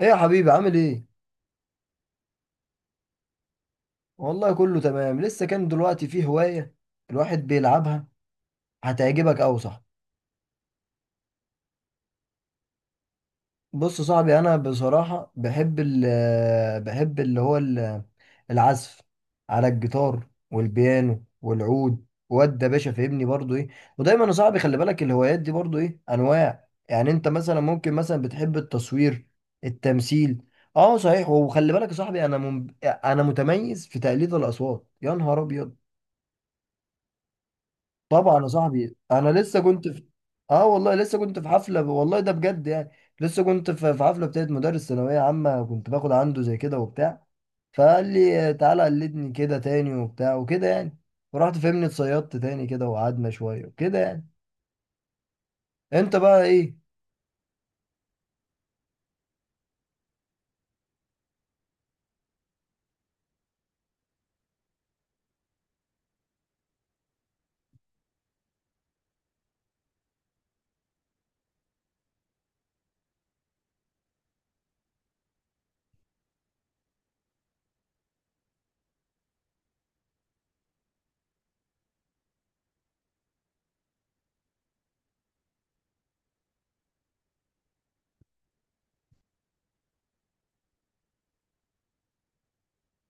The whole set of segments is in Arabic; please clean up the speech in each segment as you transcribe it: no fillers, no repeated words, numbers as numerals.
ايه يا حبيبي؟ عامل ايه؟ والله كله تمام. لسه كان دلوقتي في هواية الواحد بيلعبها، هتعجبك اوي. صح، بص يا صاحبي، انا بصراحة بحب ال بحب اللي هو ال- العزف على الجيتار والبيانو والعود، واد يا باشا، فاهمني برضو ايه. ودايما يا صاحبي، خلي بالك الهوايات دي برضو ايه انواع، يعني انت مثلا ممكن مثلا بتحب التصوير، التمثيل. اه صحيح، وخلي بالك يا صاحبي، انا انا متميز في تقليد الاصوات، يا نهار ابيض. طبعا يا صاحبي، انا لسه كنت في، اه والله لسه كنت في حفله، والله ده بجد يعني. لسه كنت في حفله بتاعت مدرس ثانويه عامه، كنت باخد عنده زي كده وبتاع، فقال لي تعالى قلدني كده تاني وبتاع وكده يعني، ورحت فهمني اتصيدت تاني كده وقعدنا شويه وكده يعني. انت بقى ايه؟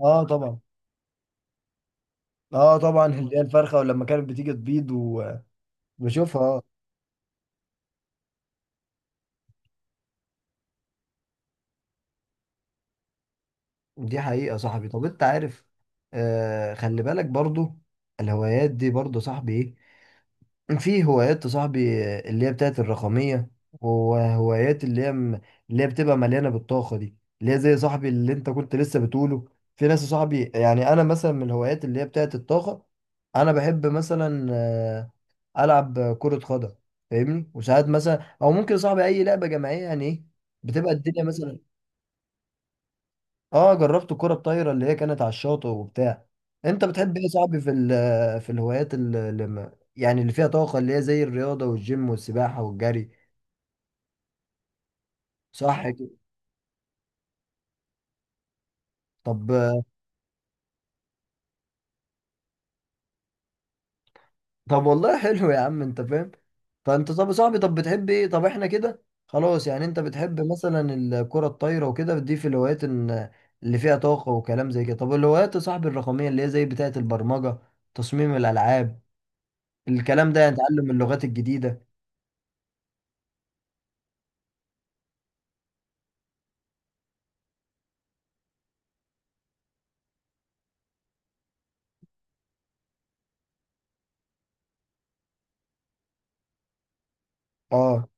اه طبعا. اه طبعا اللي هي الفرخه، ولما كانت بتيجي تبيض وبشوفها، اه. دي حقيقه يا صاحبي. طب انت عارف، آه، خلي بالك برضو الهوايات دي برضو يا صاحبي ايه، في هوايات يا صاحبي اللي هي بتاعت الرقمية، وهوايات اللي هي اللي هي بتبقى مليانة بالطاقة، دي اللي هي زي صاحبي اللي انت كنت لسه بتقوله. في ناس يا صاحبي، يعني انا مثلا من الهوايات اللي هي بتاعت الطاقة، انا بحب مثلا العب كرة قدم، فاهمني. وساعات مثلا، او ممكن يا صاحبي اي لعبة جماعية يعني ايه، بتبقى الدنيا مثلا. اه جربت الكرة الطايرة اللي هي كانت على الشاطئ وبتاع. انت بتحب ايه يا صاحبي في في الهوايات اللي اللي ما- يعني اللي فيها طاقة، اللي هي زي الرياضة والجيم والسباحة والجري. صح كده. طب، طب والله حلو يا عم، انت فاهم. فانت طب يا صاحبي، طب بتحب ايه؟ طب احنا كده خلاص يعني، انت بتحب مثلا الكرة الطايرة وكده، دي في الهوايات اللي فيها طاقة وكلام زي كده. طب الهوايات يا صاحبي الرقمية، اللي هي زي بتاعة البرمجة، تصميم الألعاب، الكلام ده، يعني تعلم اللغات الجديدة. اه،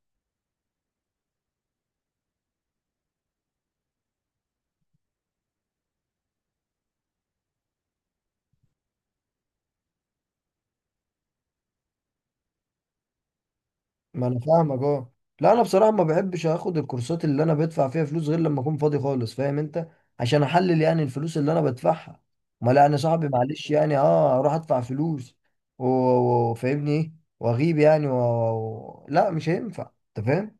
ما انا فاهمك، اه. لا انا بصراحه ما بحبش اخد الكورسات اللي انا بدفع فيها فلوس غير لما اكون فاضي خالص، فاهم انت، عشان احلل يعني الفلوس اللي انا بدفعها. ما لا انا صاحبي معلش يعني، اه اروح ادفع فلوس وفاهمني ايه، واغيب يعني لا مش هينفع، انت فاهم.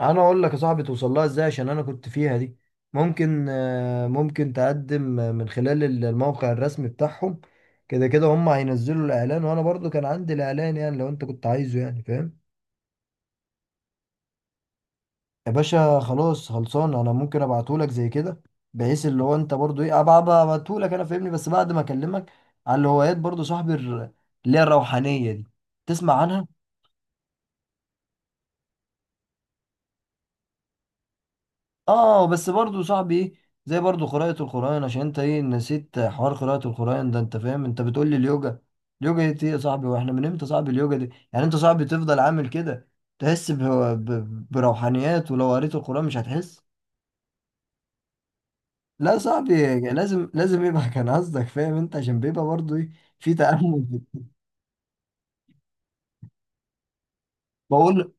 انا اقول لك يا صاحبي توصل لها ازاي، عشان انا كنت فيها دي. ممكن، آه، ممكن تقدم، آه، من خلال الموقع الرسمي بتاعهم. كده كده هم هينزلوا الاعلان، وانا برضو كان عندي الاعلان، يعني لو انت كنت عايزه يعني، فاهم. يا باشا خلاص، خلصان، انا ممكن ابعتهولك زي كده، بحيث اللي هو انت برضو ايه، أبقى ابعتهولك، انا فاهمني. بس بعد ما اكلمك على الهوايات برضو صاحبي اللي هي الروحانيه دي، تسمع عنها. اه، بس برضو صاحبي ايه، زي برضو قراءه القران، عشان انت ايه نسيت حوار قراءه القران ده. انت فاهم انت بتقول لي اليوجا، اليوجا دي ايه يا صاحبي؟ واحنا من امتى صاحبي اليوجا دي؟ يعني انت صاحبي تفضل عامل كده، تحس بروحانيات، ولو قريت القران مش هتحس؟ لا صاحبي، لازم يبقى كان قصدك، فاهم انت، عشان بيبقى برضه ايه في تأمل. بقول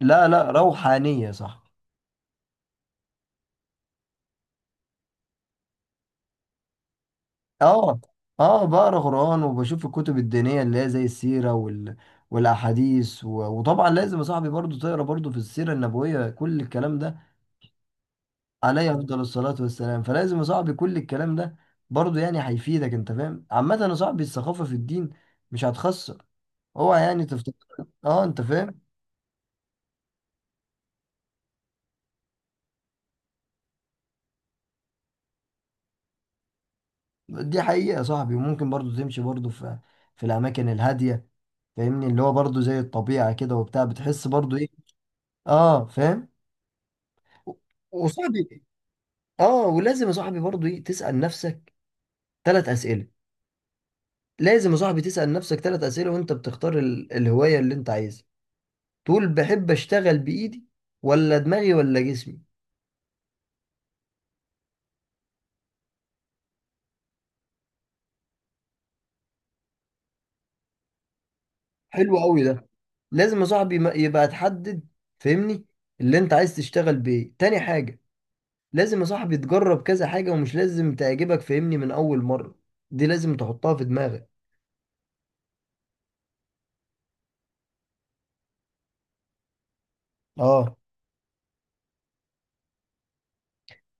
لا روحانية، صح. اه، اه بقرا قرآن وبشوف الكتب الدينية اللي هي زي السيرة وال والأحاديث و... وطبعا لازم يا صاحبي برضه تقرا برضه في السيرة النبوية كل الكلام ده عليه أفضل الصلاة والسلام فلازم يا صاحبي كل الكلام ده برضه يعني هيفيدك انت فاهم عامة يا صاحبي الثقافة في الدين مش هتخسر اوعى يعني تفتكر اه انت فاهم دي حقيقة يا صاحبي وممكن برضو تمشي برضو في في الأماكن الهادية فاهمني اللي هو برضو زي الطبيعة كده وبتاع بتحس برضو إيه آه فاهم و- وصاحبي آه، ولازم يا صاحبي برضو إيه تسأل نفسك ثلاث أسئلة. لازم يا صاحبي تسأل نفسك ثلاث أسئلة وأنت بتختار الهواية اللي أنت عايزها. تقول بحب أشتغل بإيدي ولا دماغي ولا جسمي. حلو قوي ده. لازم يا صاحبي يبقى تحدد، فاهمني، اللي أنت عايز تشتغل بإيه. تاني حاجة، لازم يا صاحبي تجرب كذا حاجة ومش لازم تعجبك، فاهمني، من أول مرة. دي لازم تحطها في دماغك. اه،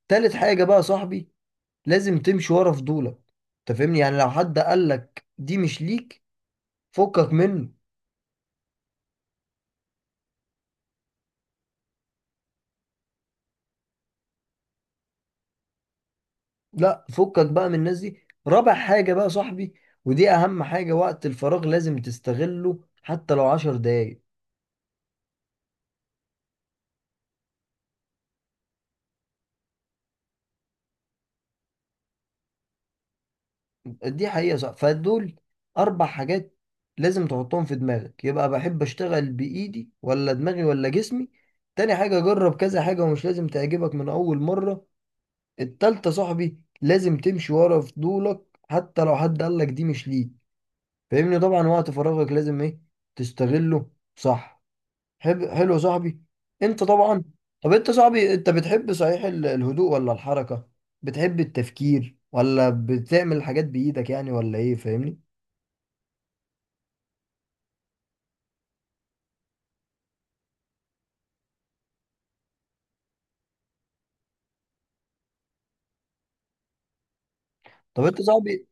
تالت حاجة بقى يا صاحبي، لازم تمشي ورا فضولك. انت فاهمني، يعني لو حد قالك دي مش ليك، فكك منه. لا فكك بقى من الناس دي. رابع حاجة بقى يا صاحبي، ودي أهم حاجة، وقت الفراغ لازم تستغله حتى لو عشر دقايق. دي حقيقة، صح. فدول أربع حاجات لازم تحطهم في دماغك. يبقى بحب أشتغل بإيدي ولا دماغي ولا جسمي. تاني حاجة، جرب كذا حاجة ومش لازم تعجبك من أول مرة. التالتة صاحبي لازم تمشي ورا فضولك حتى لو حد قالك دي مش ليك، فاهمني. طبعا وقت فراغك لازم إيه تستغله، صح. حب حلو يا صاحبي، أنت طبعا. طب أنت صاحبي، أنت بتحب صحيح الهدوء ولا الحركة؟ بتحب التفكير ولا بتعمل الحاجات بإيدك يعني ولا إيه، فاهمني. طب انت صاحبي،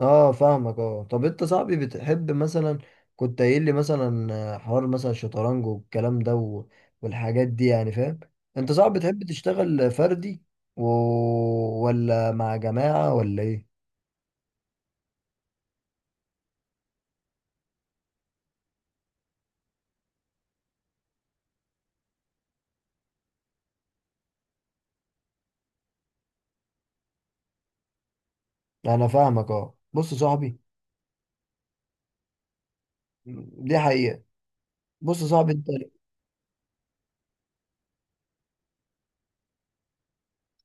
اه فاهمك، اه. طب انت صاحبي بتحب مثلا، كنت قايل لي مثلا، آه، حوار مثلا الشطرنج والكلام ده و... والحاجات دي يعني، فاهم. انت صاحبي بتحب تشتغل فردي و... ولا مع جماعة ولا ايه؟ انا فاهمك، اه. بص يا صاحبي، دي حقيقة. بص يا صاحبي، انت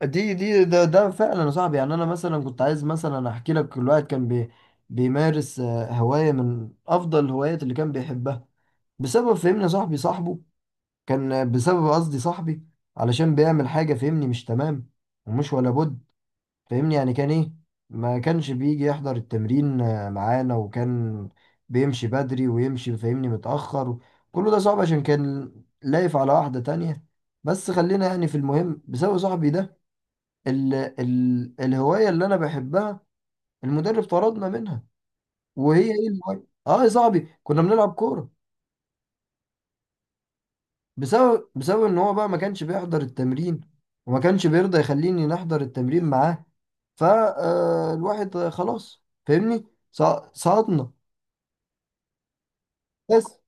ده فعلا يا صاحبي. يعني انا مثلا كنت عايز مثلا احكي لك، كل واحد كان بيمارس، آه، هواية من افضل الهوايات اللي كان بيحبها، بسبب فهمنا صاحبي صاحبه، كان بسبب قصدي صاحبي، علشان بيعمل حاجة فهمني مش تمام ومش ولا بد، فهمني يعني كان ايه، ما كانش بيجي يحضر التمرين، آه، معانا، وكان بيمشي بدري ويمشي فهمني متأخر. كله ده صعب عشان كان لايف على واحدة تانية. بس خلينا يعني في المهم، بسبب صاحبي ده، ال الهواية اللي انا بحبها المدرب طردنا منها. وهي ايه الهواية؟ اه يا صاحبي كنا بنلعب كورة. بسبب ان هو بقى ما كانش بيحضر التمرين، وما كانش بيرضى يخليني نحضر التمرين معاه، فالواحد خلاص فاهمني سقطنا. بس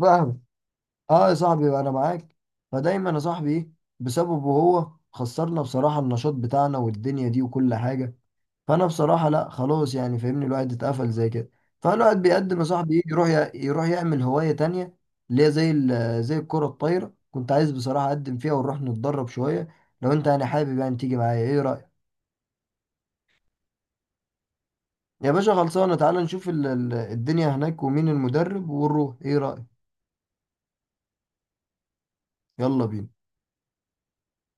فاهم. اه يا صاحبي انا معاك. فدايما يا صاحبي ايه، بسببه هو خسرنا بصراحة النشاط بتاعنا والدنيا دي وكل حاجة. فانا بصراحه لا خلاص يعني، فاهمني، الواحد اتقفل زي كده. فالواحد بيقدم يا صاحبي، يجي يروح يروح يعمل هوايه تانية، اللي هي زي زي الكره الطايره، كنت عايز بصراحه اقدم فيها ونروح نتدرب شويه. لو انت يعني حابب يعني تيجي معايا، ايه رايك؟ يا باشا خلصانه، تعالى نشوف الدنيا هناك ومين المدرب ونروح، ايه رايك؟ يلا بينا.